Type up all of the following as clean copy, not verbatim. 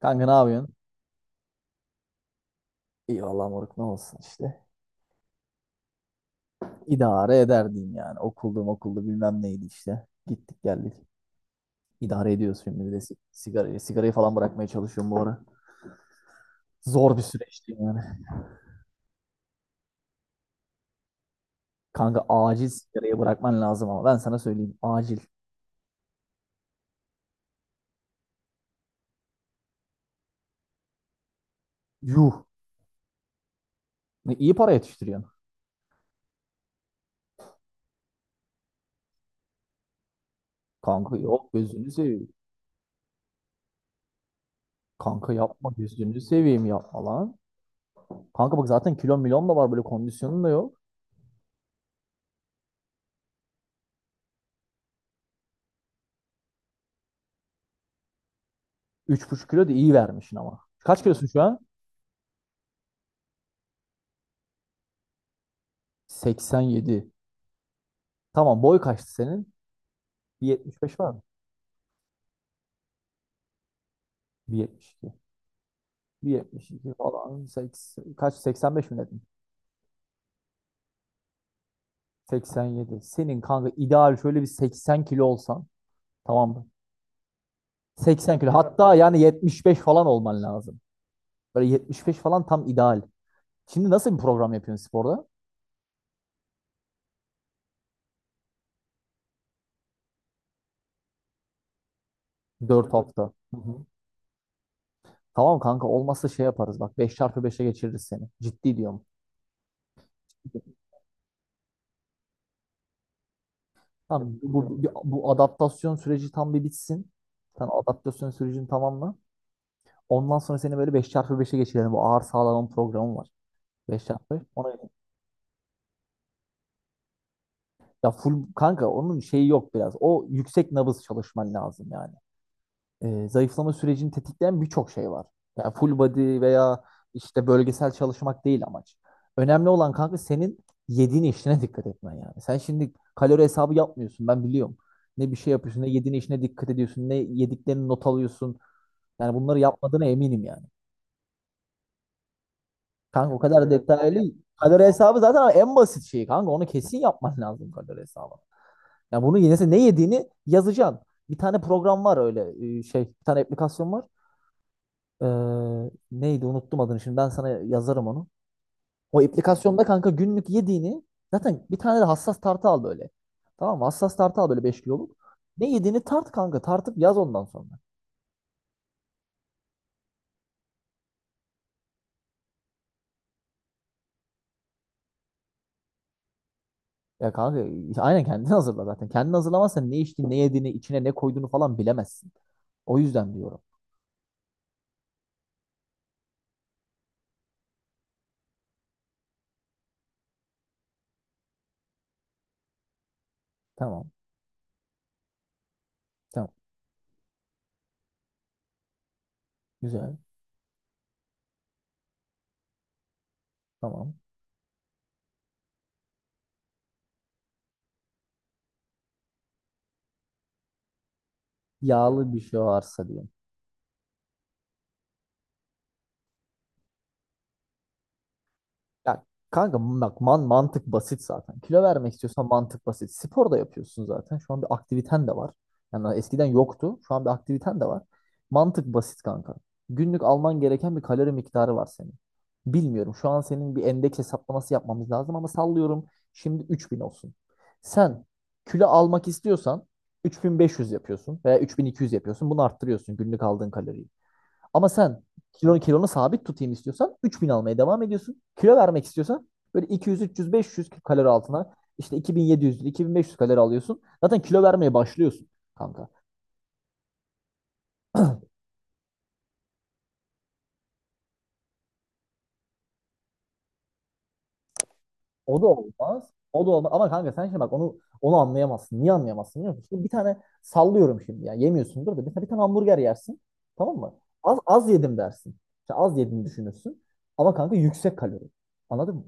Kanka ne yapıyorsun? İyi vallahi moruk ne olsun işte. İdare eder diyeyim yani. Okuldu okuldu bilmem neydi işte. Gittik geldik. İdare ediyoruz şimdi bir de sigarayı. Sigarayı falan bırakmaya çalışıyorum bu ara. Zor bir süreçti yani. Kanka acil sigarayı bırakman lazım ama ben sana söyleyeyim acil. Yuh. Ne iyi para yetiştiriyorsun. Kanka yok gözünü seveyim. Kanka yapma gözünü seveyim yapma lan. Kanka bak zaten kilon milon da var böyle kondisyonun da yok. Üç buçuk kilo da iyi vermişsin ama. Kaç kilosun şu an? 87. Tamam, boy kaçtı senin? 1.75 var mı? 1.72. 1.72 falan. 80, kaç? 85 mi dedin? 87. Senin kanka ideal şöyle bir 80 kilo olsan. Tamam mı? 80 kilo. Hatta yani 75 falan olman lazım. Böyle 75 falan tam ideal. Şimdi nasıl bir program yapıyorsun sporda? Dört hafta. Hı hı. Tamam kanka, olmazsa şey yaparız bak, beş çarpı 5'e geçiririz seni. Ciddi diyorum. Tamam, bu adaptasyon süreci tam bir bitsin. Sen adaptasyon sürecini tamamla. Ondan sonra seni böyle beş çarpı beşe geçirelim. Bu ağır sağlanan programı var. Beş çarpı 5 ona, ya full kanka onun şeyi yok biraz. O yüksek nabız çalışman lazım yani. Zayıflama sürecini tetikleyen birçok şey var. Yani full body veya işte bölgesel çalışmak değil amaç. Önemli olan kanka senin yediğin işine dikkat etmen yani. Sen şimdi kalori hesabı yapmıyorsun, ben biliyorum. Ne bir şey yapıyorsun, ne yediğin işine dikkat ediyorsun, ne yediklerini not alıyorsun. Yani bunları yapmadığına eminim yani. Kanka o kadar detaylı. Kalori hesabı zaten en basit şeyi kanka. Onu kesin yapman lazım kalori hesabı. Yani bunu yine sen ne yediğini yazacaksın. Bir tane program var öyle şey, bir tane aplikasyon var. Ee, neydi, unuttum adını, şimdi ben sana yazarım onu. O aplikasyonda kanka günlük yediğini, zaten bir tane de hassas tartı al böyle. Tamam mı? Hassas tartı al böyle 5 kiloluk. Ne yediğini tart kanka, tartıp yaz ondan sonra. Ya kanka aynen kendin hazırla zaten. Kendin hazırlamazsan ne içtiğini ne yediğini içine ne koyduğunu falan bilemezsin. O yüzden diyorum. Tamam, tamam, güzel, tamam. Yağlı bir şey varsa diye. Ya kanka bak, mantık basit zaten. Kilo vermek istiyorsan mantık basit. Spor da yapıyorsun zaten. Şu an bir aktiviten de var. Yani eskiden yoktu. Şu an bir aktiviten de var. Mantık basit kanka. Günlük alman gereken bir kalori miktarı var senin. Bilmiyorum. Şu an senin bir endeks hesaplaması yapmamız lazım ama sallıyorum. Şimdi 3.000 olsun. Sen kilo almak istiyorsan 3.500 yapıyorsun veya 3.200 yapıyorsun. Bunu arttırıyorsun, günlük aldığın kaloriyi. Ama sen kilonu sabit tutayım istiyorsan 3.000 almaya devam ediyorsun. Kilo vermek istiyorsan böyle 200, 300, 500 kalori altına, işte 2.700, 2.500 kalori alıyorsun. Zaten kilo vermeye başlıyorsun kanka. O da olmaz. O da olmaz. Ama kanka sen şimdi bak onu, anlayamazsın. Niye anlayamazsın biliyor musun? Şimdi bir tane sallıyorum şimdi ya. Yemiyorsundur da mesela bir tane hamburger yersin. Tamam mı? Az yedim dersin. İşte az yediğini düşünürsün. Ama kanka yüksek kalori. Anladın mı?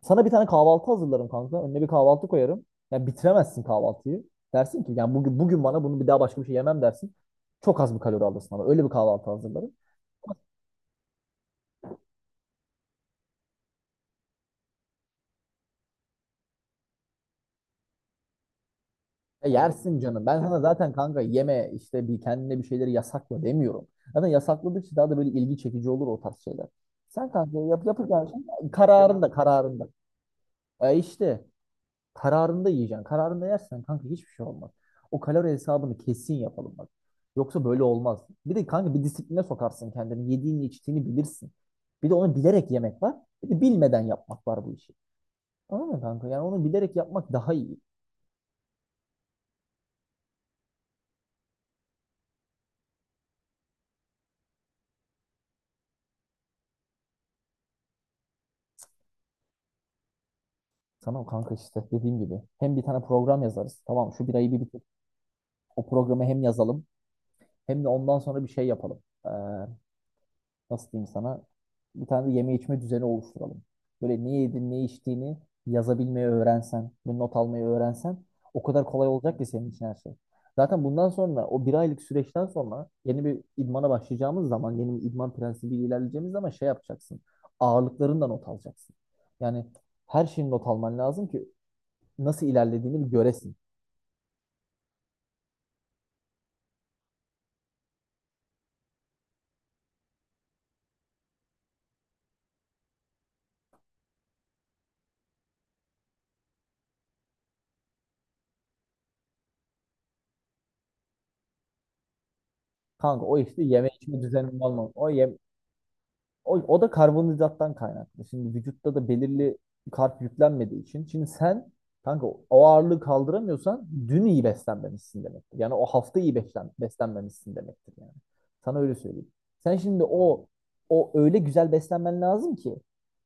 Sana bir tane kahvaltı hazırlarım kanka. Önüne bir kahvaltı koyarım. Yani bitiremezsin kahvaltıyı. Dersin ki yani bugün bana bunu bir daha, başka bir şey yemem dersin. Çok az bir kalori alırsın ama öyle bir kahvaltı hazırlarım. E yersin canım. Ben sana zaten kanka yeme işte, bir kendine bir şeyleri yasakla demiyorum. Zaten yasakladıkça daha da böyle ilgi çekici olur o tarz şeyler. Sen kanka yap, yapacağın şey kararında. E işte kararında yiyeceksin. Kararında yersen kanka hiçbir şey olmaz. O kalori hesabını kesin yapalım bak. Yoksa böyle olmaz. Bir de kanka bir disipline sokarsın kendini. Yediğini içtiğini bilirsin. Bir de onu bilerek yemek var. Bir de bilmeden yapmak var bu işi. Anladın mı kanka? Yani onu bilerek yapmak daha iyi. Tamam kanka, işte dediğim gibi. Hem bir tane program yazarız. Tamam, şu bir ayı bir bitir. O programı hem yazalım hem de ondan sonra bir şey yapalım. Ee, nasıl diyeyim sana? Bir tane de yeme içme düzeni oluşturalım. Böyle ne yedin ne içtiğini yazabilmeyi öğrensen ve not almayı öğrensen, o kadar kolay olacak ki senin için her şey. Zaten bundan sonra o bir aylık süreçten sonra yeni bir idmana başlayacağımız zaman, yeni bir idman prensibiyle ilerleyeceğimiz zaman şey yapacaksın. Ağırlıklarından not alacaksın. Yani her şeyin not alman lazım ki nasıl ilerlediğini bir göresin. Kanka o işte yeme içme düzenin olmam. O, o da karbonhidrattan kaynaklı. Şimdi vücutta da belirli karp yüklenmediği için. Şimdi sen kanka o ağırlığı kaldıramıyorsan dün iyi beslenmemişsin demektir. Yani o hafta iyi beslenmemişsin demektir yani. Sana öyle söyleyeyim. Sen şimdi o öyle güzel beslenmen lazım ki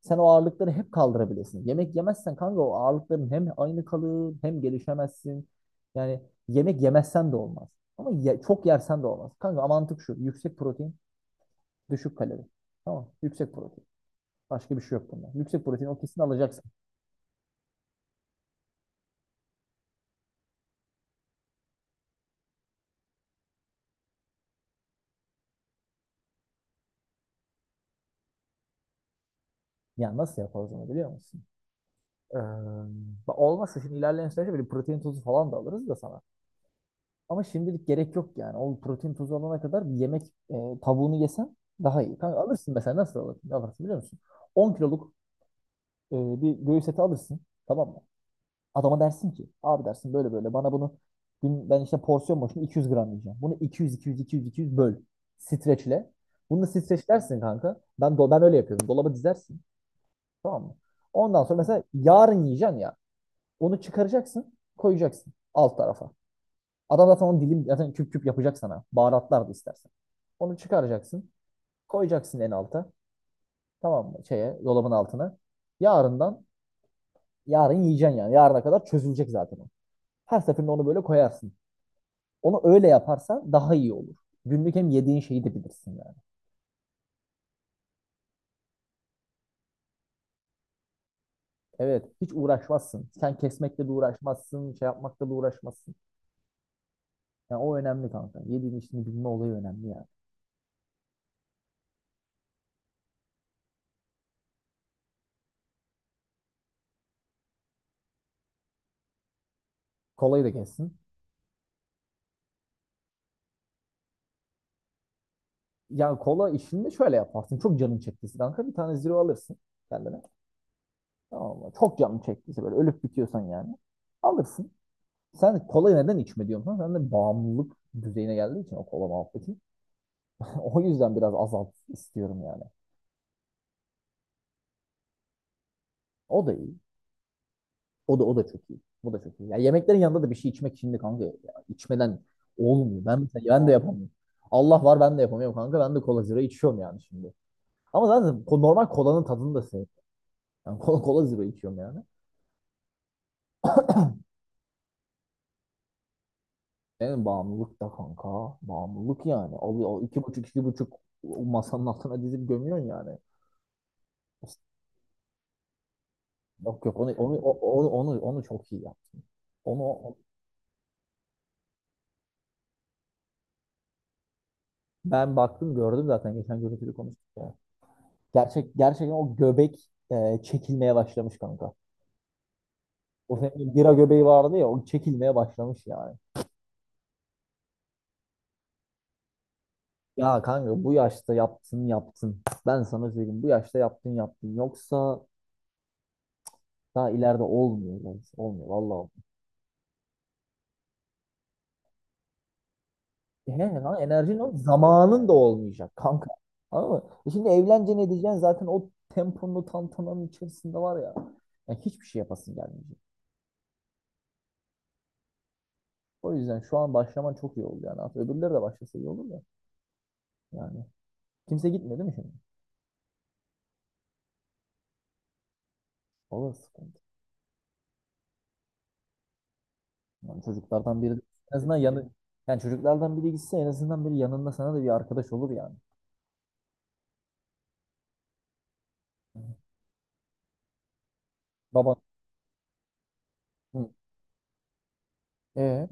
sen o ağırlıkları hep kaldırabilesin. Yemek yemezsen kanka o ağırlıkların hem aynı kalır hem gelişemezsin. Yani yemek yemezsen de olmaz. Ama çok yersen de olmaz. Kanka mantık şu. Yüksek protein, düşük kalori. Tamam. Yüksek protein. Başka bir şey yok bunda. Yüksek protein o kesin alacaksın. Ya nasıl yaparız onu biliyor musun? Ee, olmazsa şimdi ilerleyen süreçte böyle protein tozu falan da alırız da sana. Ama şimdilik gerek yok yani. O protein tozu alana kadar bir yemek, e, tavuğunu yesen daha iyi. Kanka alırsın mesela, nasıl alırsın? Alırsın biliyor musun? 10 kiloluk e, bir göğüs eti alırsın. Tamam mı? Adama dersin ki abi, dersin böyle böyle bana bunu, gün ben işte porsiyon başına 200 gram yiyeceğim. Bunu 200 200 200 200 böl. Streçle. Bunu da streçlersin kanka. Ben öyle yapıyordum. Dolaba dizersin. Tamam mı? Ondan sonra mesela yarın yiyeceksin ya. Onu çıkaracaksın, koyacaksın alt tarafa. Adam zaten onu dilim, zaten küp küp yapacak sana. Baharatlar da istersen. Onu çıkaracaksın, koyacaksın en alta. Tamam mı? Şeye, dolabın altına. Yarından Yarın yiyeceksin yani. Yarına kadar çözülecek zaten o. Her seferinde onu böyle koyarsın. Onu öyle yaparsan daha iyi olur. Günlük hem yediğin şeyi de bilirsin yani. Evet, hiç uğraşmazsın. Sen kesmekle de uğraşmazsın, şey yapmakla da uğraşmazsın. Yani o önemli kanka. Yediğin işini bilme olayı önemli yani. Kolayı da kessin. Yani kola işini de şöyle yaparsın. Çok canın çektiyse kanka bir tane zero alırsın kendine. Tamam mı? Çok canın çektiyse böyle ölüp bitiyorsan yani. Alırsın. Sen kolayı neden içme diyorsun? Sen de bağımlılık düzeyine geldiği için o kola muhabbeti. O yüzden biraz azalt istiyorum yani. O da iyi. O da çok iyi. Bu da çok iyi. Ya yemeklerin yanında da bir şey içmek şimdi kanka. Ya, içmeden olmuyor. Ben de yapamıyorum. Allah var, ben de yapamıyorum kanka. Ben de kola zero içiyorum yani şimdi. Ama zaten normal kolanın tadını da seviyorum. Yani kola, kola zero içiyorum yani. Benim bağımlılık da kanka. Bağımlılık yani. Alıyor iki buçuk o masanın altına dizip gömüyorsun yani. Yok onu çok iyi yaptın. Onu, onu- Ben baktım gördüm zaten, geçen görüntülü konuştuk ya. Gerçekten o göbek çekilmeye başlamış kanka. O senin bira göbeği vardı ya, o çekilmeye başlamış yani. Ya kanka bu yaşta yaptın. Ben sana söyleyeyim, bu yaşta yaptın. Yoksa daha ileride olmuyor lan. Olmuyor vallahi. Olmuyor. He, lan enerjin o zamanın da olmayacak kanka. Anladın mı? E şimdi evleneceksin edeceksin zaten, o temponlu tantananın içerisinde var ya. Yani hiçbir şey yapasın gelmeyecek. O yüzden şu an başlaman çok iyi oldu yani. Aslında öbürleri de başlasa iyi olur da. Yani kimse gitmiyor değil mi şimdi? O da sıkıntı. Yani çocuklardan biri de en azından yanı, yani çocuklardan biri gitse en azından biri yanında, sana da bir arkadaş olur yani. Baban. Hı. E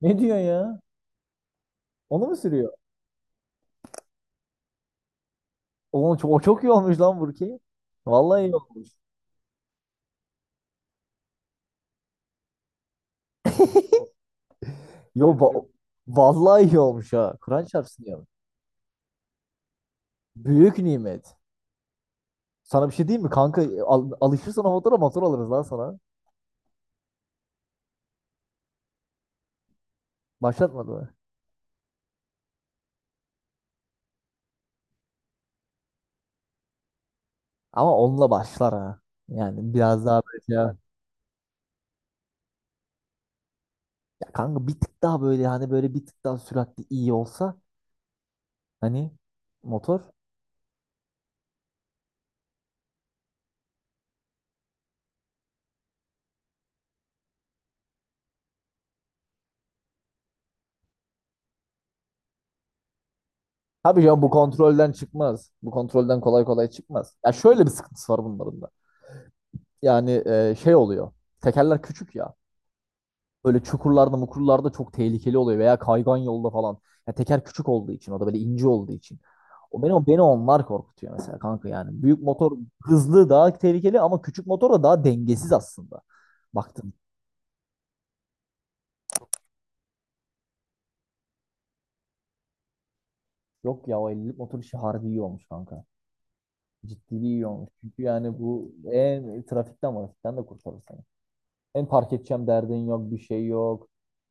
ne diyor ya? Onu mu sürüyor? Oğlum çok, o çok iyi olmuş lan Burki. Vallahi iyi olmuş. Yo ba- Vallahi iyi olmuş ha. Kur'an çarpsın ya. Büyük nimet. Sana bir şey diyeyim mi kanka? Alışırsan o motora, motor alırız lan sana. Başlatmadı mı? Ama onunla başlar ha. Yani biraz daha böyle ya. Kanka bir tık daha böyle, hani böyle bir tık daha süratli iyi olsa, hani motor? Tabii ya, bu kontrolden çıkmaz. Bu kontrolden kolay kolay çıkmaz. Ya şöyle bir sıkıntısı var bunların da. Yani şey oluyor. Tekerler küçük ya. Böyle çukurlarda, mukurlarda çok tehlikeli oluyor veya kaygan yolda falan. Ya teker küçük olduğu için, o da böyle ince olduğu için. Beni onlar korkutuyor mesela kanka yani. Büyük motor hızlı, daha tehlikeli, ama küçük motor da daha dengesiz aslında. Baktım. Yok ya, o 50'lik motor işi harbi iyi olmuş kanka. Ciddiliği iyi olmuş. Çünkü yani bu trafikten de kurtarır seni. Park edeceğim derdin yok, bir şey yok.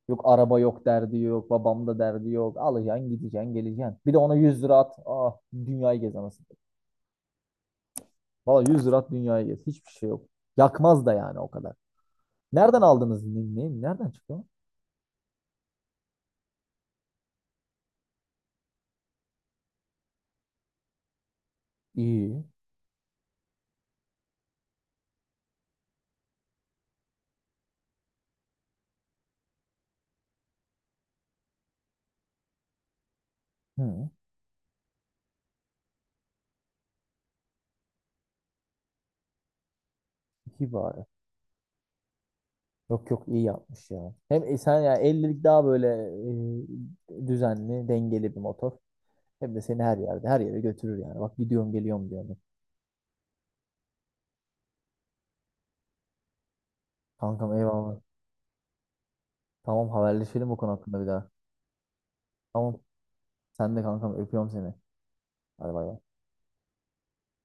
Yok araba yok derdi yok, babam da derdi yok. Alacaksın, gideceksin, geleceksin. Bir de ona 100 lira at, ah, dünyayı gez anasını. Valla 100 lira at, dünyayı gez. Hiçbir şey yok. Yakmaz da yani o kadar. Nereden aldınız? Nereden çıktı? İyi. Hı, iyi bari. Yok yok, iyi yapmış ya. Hem sen ya ellilik daha böyle düzenli, dengeli bir motor. Hem de seni her yerde, her yere götürür yani. Bak gidiyorum, geliyorum diyorum. Kankam eyvallah. Tamam, haberleşelim bu konu hakkında bir daha. Tamam. Sen de kankam, öpüyorum seni. Hadi bay.